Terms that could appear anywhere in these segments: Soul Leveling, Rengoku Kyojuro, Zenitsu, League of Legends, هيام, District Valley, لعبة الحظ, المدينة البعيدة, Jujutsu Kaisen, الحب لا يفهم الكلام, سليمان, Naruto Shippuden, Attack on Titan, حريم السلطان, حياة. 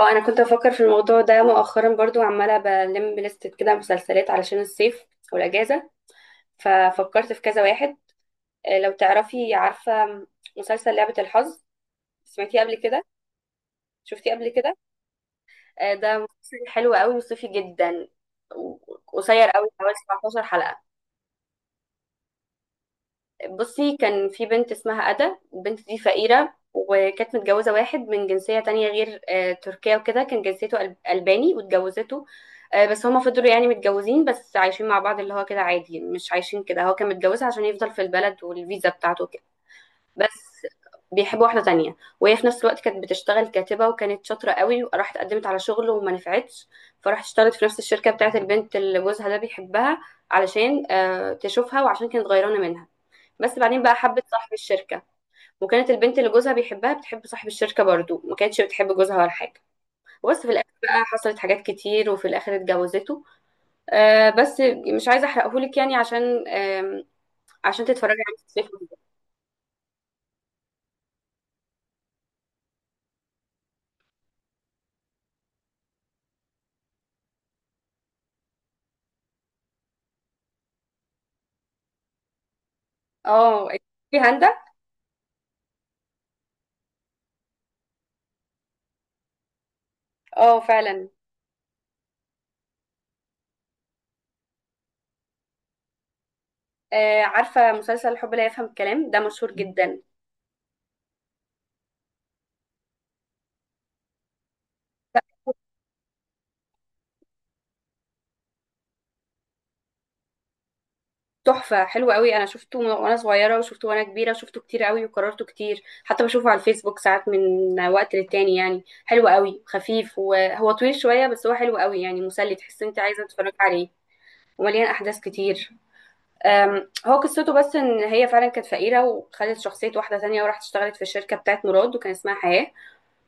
اه، انا كنت بفكر في الموضوع ده مؤخرا برضو، عماله بلم لستة كده مسلسلات علشان الصيف والاجازه. ففكرت في كذا واحد. لو عارفه مسلسل لعبه الحظ؟ سمعتيه قبل كده؟ شفتيه قبل كده؟ ده مسلسل حلو قوي وصيفي جدا و- قصير قوي، حوالي 17 حلقه. بصي، كان في بنت اسمها أدا. البنت دي فقيرة وكانت متجوزة واحد من جنسية تانية غير تركيا وكده. كان جنسيته ألباني واتجوزته. بس هما فضلوا يعني متجوزين، بس عايشين مع بعض اللي هو كده عادي، مش عايشين كده. هو كان متجوزها عشان يفضل في البلد والفيزا بتاعته كده بس. بيحب واحدة تانية، وهي في نفس الوقت كانت بتشتغل كاتبة وكانت شاطرة قوي وراحت قدمت على شغل وما نفعتش. فراحت اشتغلت في نفس الشركة بتاعت البنت اللي جوزها ده بيحبها، علشان تشوفها، وعشان كانت غيرانة منها. بس بعدين بقى حبت صاحب الشركة، وكانت البنت اللي جوزها بيحبها بتحب صاحب الشركة برضو، ما كانتش بتحب جوزها ولا حاجة. وبس في الآخر بقى حصلت حاجات كتير، وفي الآخر اتجوزته. بس مش عايزة أحرقهولك يعني، عشان تتفرجي عليه في الصيف وكده. اه، في هاندا. اه، فعلا. عارفة مسلسل الحب لا يفهم الكلام ده مشهور جدا. تحفة، حلو قوي. انا شفته وانا صغيرة وشفته وانا كبيرة، شفته كتير قوي وكررته كتير، حتى بشوفه على الفيسبوك ساعات من وقت للتاني. يعني حلو قوي، خفيف، وهو طويل شوية بس هو حلو قوي، يعني مسلي، تحس انت عايزة تتفرج عليه. ومليان احداث كتير. هو قصته بس ان هي فعلا كانت فقيرة وخدت شخصية واحدة تانية وراحت اشتغلت في الشركة بتاعت مراد، وكان اسمها حياة.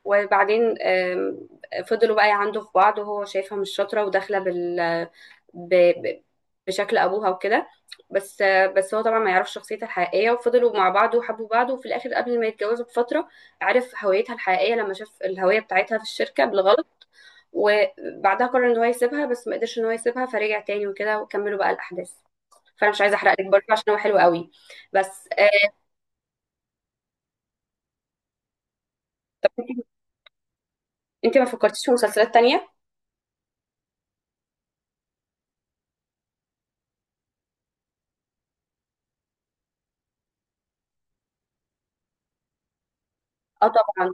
وبعدين فضلوا بقى يعندوا في بعض، وهو شايفها مش شاطرة وداخلة ب... ب... بشكل أبوها وكده. بس هو طبعا ما يعرفش شخصيتها الحقيقية، وفضلوا مع بعض وحبوا بعض، وفي الآخر قبل ما يتجوزوا بفترة عرف هويتها الحقيقية لما شاف الهوية بتاعتها في الشركة بالغلط. وبعدها قرر ان هو يسيبها، بس ما قدرش ان هو يسيبها فرجع تاني وكده وكملوا بقى الأحداث. فأنا مش عايزة أحرق لك برضه عشان هو حلو قوي بس. انت ما فكرتيش في مسلسلات تانية؟ اه، طبعا.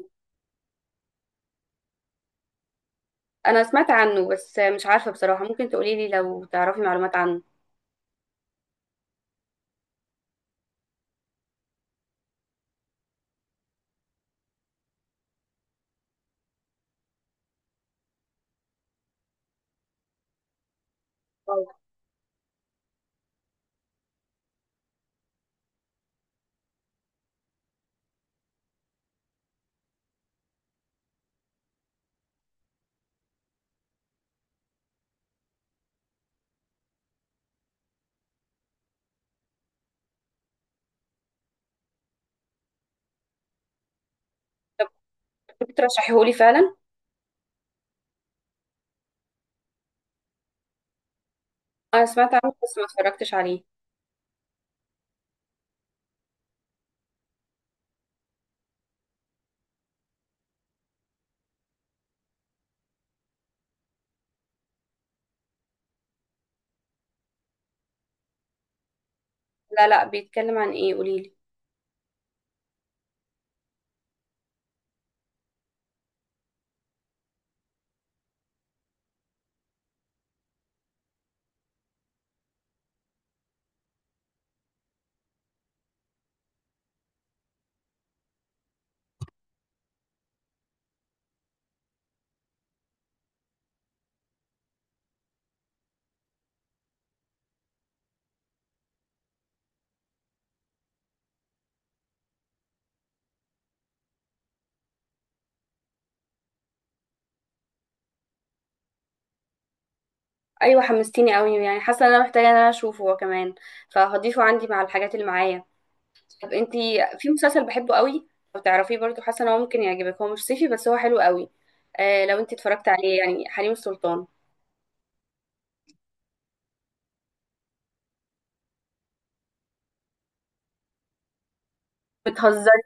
انا سمعت عنه بس مش عارفه بصراحه، ممكن تقولي لي لو تعرفي معلومات عنه. أو- طب كنت ترشحيهولي فعلا. انا سمعت عنه بس ما اتفرجتش عليه. لا لا، بيتكلم عن ايه، قولي لي. ايوه، حمستيني قوي، يعني حاسه ان انا محتاجه ان انا اشوفه هو كمان، فهضيفه عندي مع الحاجات اللي معايا. طب انتي، في مسلسل بحبه قوي، لو تعرفيه برضو حاسه ان هو ممكن يعجبك. هو مش صيفي بس هو حلو قوي. لو انتي اتفرجت عليه، يعني حريم السلطان. بتهزري؟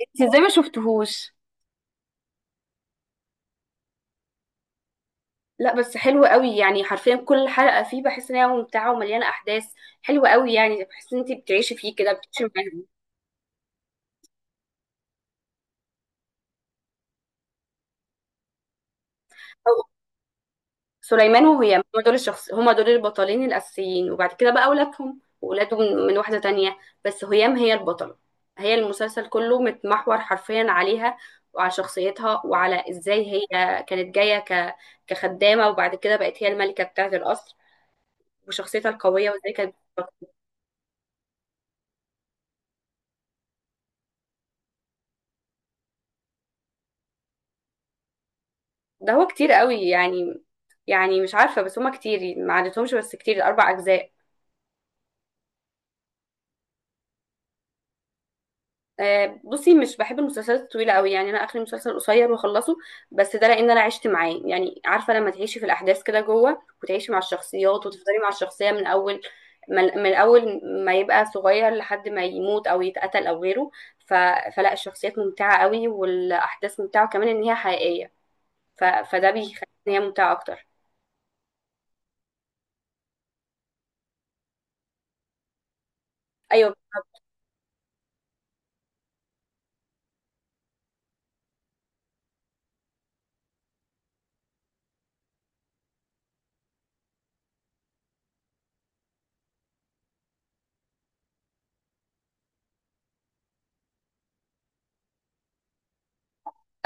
انتي ازاي ما شفتهوش؟ لا بس حلو قوي، يعني حرفيا كل حلقة فيه بحس ان هي ممتعة ومليانة احداث. حلوة قوي، يعني بحس ان انت بتعيشي فيه كده، بتعيشي معاهم. أو- سليمان وهي، هما دول الشخص، هما دول البطلين الاساسيين. وبعد كده بقى اولادهم واولاده من واحدة تانية. بس هيام هي البطلة، هي المسلسل كله متمحور حرفيا عليها، وعلى شخصيتها، وعلى ازاي هي كانت جاية كخدامة، وبعد كده بقت هي الملكة بتاعة القصر، وشخصيتها القوية، وازاي كانت. ده هو كتير قوي يعني، يعني مش عارفة، بس هما كتير ما عدتهمش، بس كتير، أربع أجزاء. بصي، مش بحب المسلسلات الطويلة قوي، يعني أنا آخر مسلسل قصير وأخلصه. بس ده لأن أنا عشت معاه، يعني عارفة لما تعيشي في الأحداث كده جوه، وتعيشي مع الشخصيات، وتفضلي مع الشخصية من أول، من أول ما يبقى صغير لحد ما يموت أو يتقتل أو غيره. ف... فلا الشخصيات ممتعة قوي، والأحداث ممتعة كمان إن هي حقيقية. فده بيخلي إن هي ممتعة أكتر. أيوة.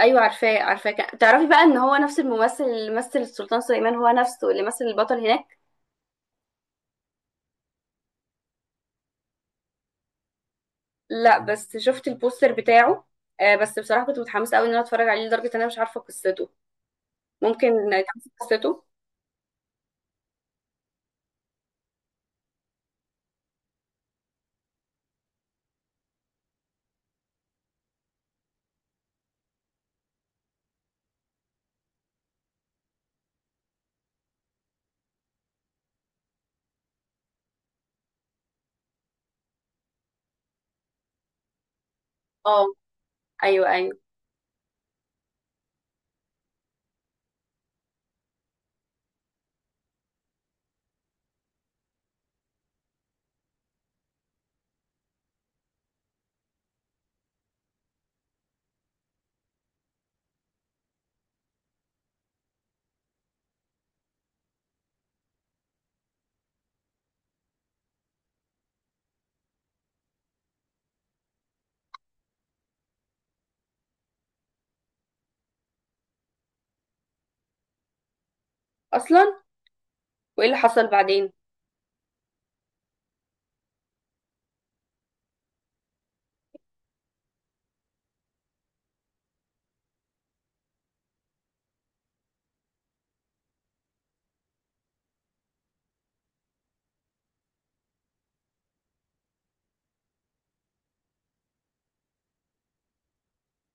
ايوه، عارفاه عارفاه. تعرفي بقى ان هو نفس الممثل اللي مثل السلطان سليمان هو نفسه اللي مثل البطل هناك. لا، بس شفت البوستر بتاعه. بس بصراحه كنت متحمسه قوي ان انا اتفرج عليه، لدرجه ان انا مش عارفه قصته. ممكن تعرفي قصته؟ اه. ايوه ايوه. اصلا، وايه اللي حصل بعدين؟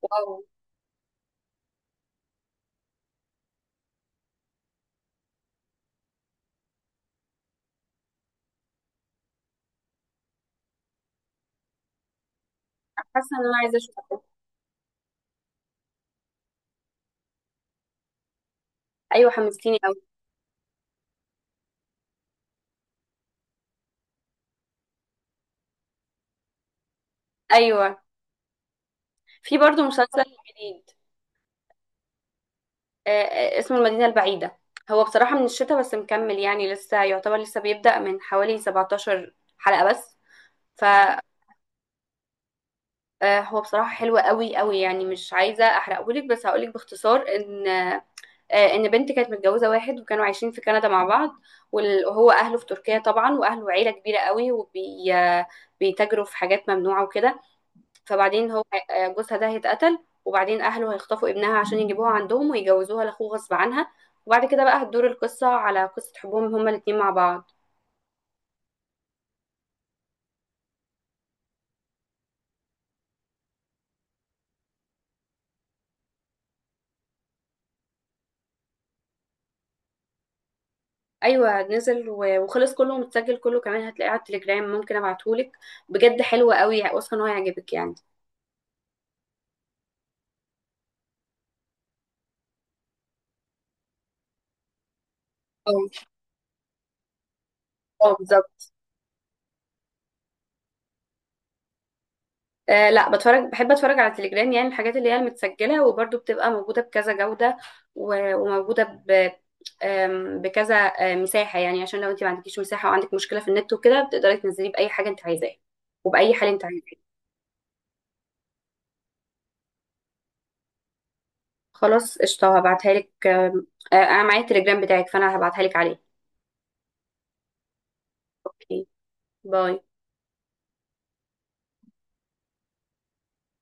واو. حاسه ان انا عايزه اشوفه. ايوه، حمستيني قوي. ايوه، في برضو مسلسل جديد. اسمه المدينه البعيده. هو بصراحه من الشتاء بس مكمل، يعني لسه يعتبر لسه بيبدأ، من حوالي 17 حلقه بس. هو بصراحة حلو قوي قوي، يعني مش عايزة أحرقهولك، بس هقولك باختصار إن بنت كانت متجوزة واحد وكانوا عايشين في كندا مع بعض. وهو أهله في تركيا طبعا، وأهله عيلة كبيرة قوي وبيتاجروا في حاجات ممنوعة وكده. فبعدين هو، جوزها ده هيتقتل، وبعدين أهله هيخطفوا ابنها عشان يجيبوها عندهم ويجوزوها لأخوه غصب عنها. وبعد كده بقى هتدور القصة على قصة حبهم هما الاتنين مع بعض. ايوه، نزل وخلص، كله متسجل، كله كمان هتلاقيه على التليجرام، ممكن ابعتهولك. بجد حلو قوي، واثقه ان هو هيعجبك يعني. أو اه، بالظبط. لا، بحب اتفرج على التليجرام، يعني الحاجات اللي هي المتسجله وبرده بتبقى موجوده بكذا جوده، وموجوده ب آم، بكذا مساحه. يعني عشان لو انت ما عندكيش مساحه وعندك مشكله في النت وكده، بتقدري تنزليه باي حاجه انت عايزاها، وباي حال انت عايزاه. خلاص، قشطه هبعتها لك. آم، آه، انا معايا التليجرام بتاعك، فانا هبعتها لك عليه. اوكي. باي.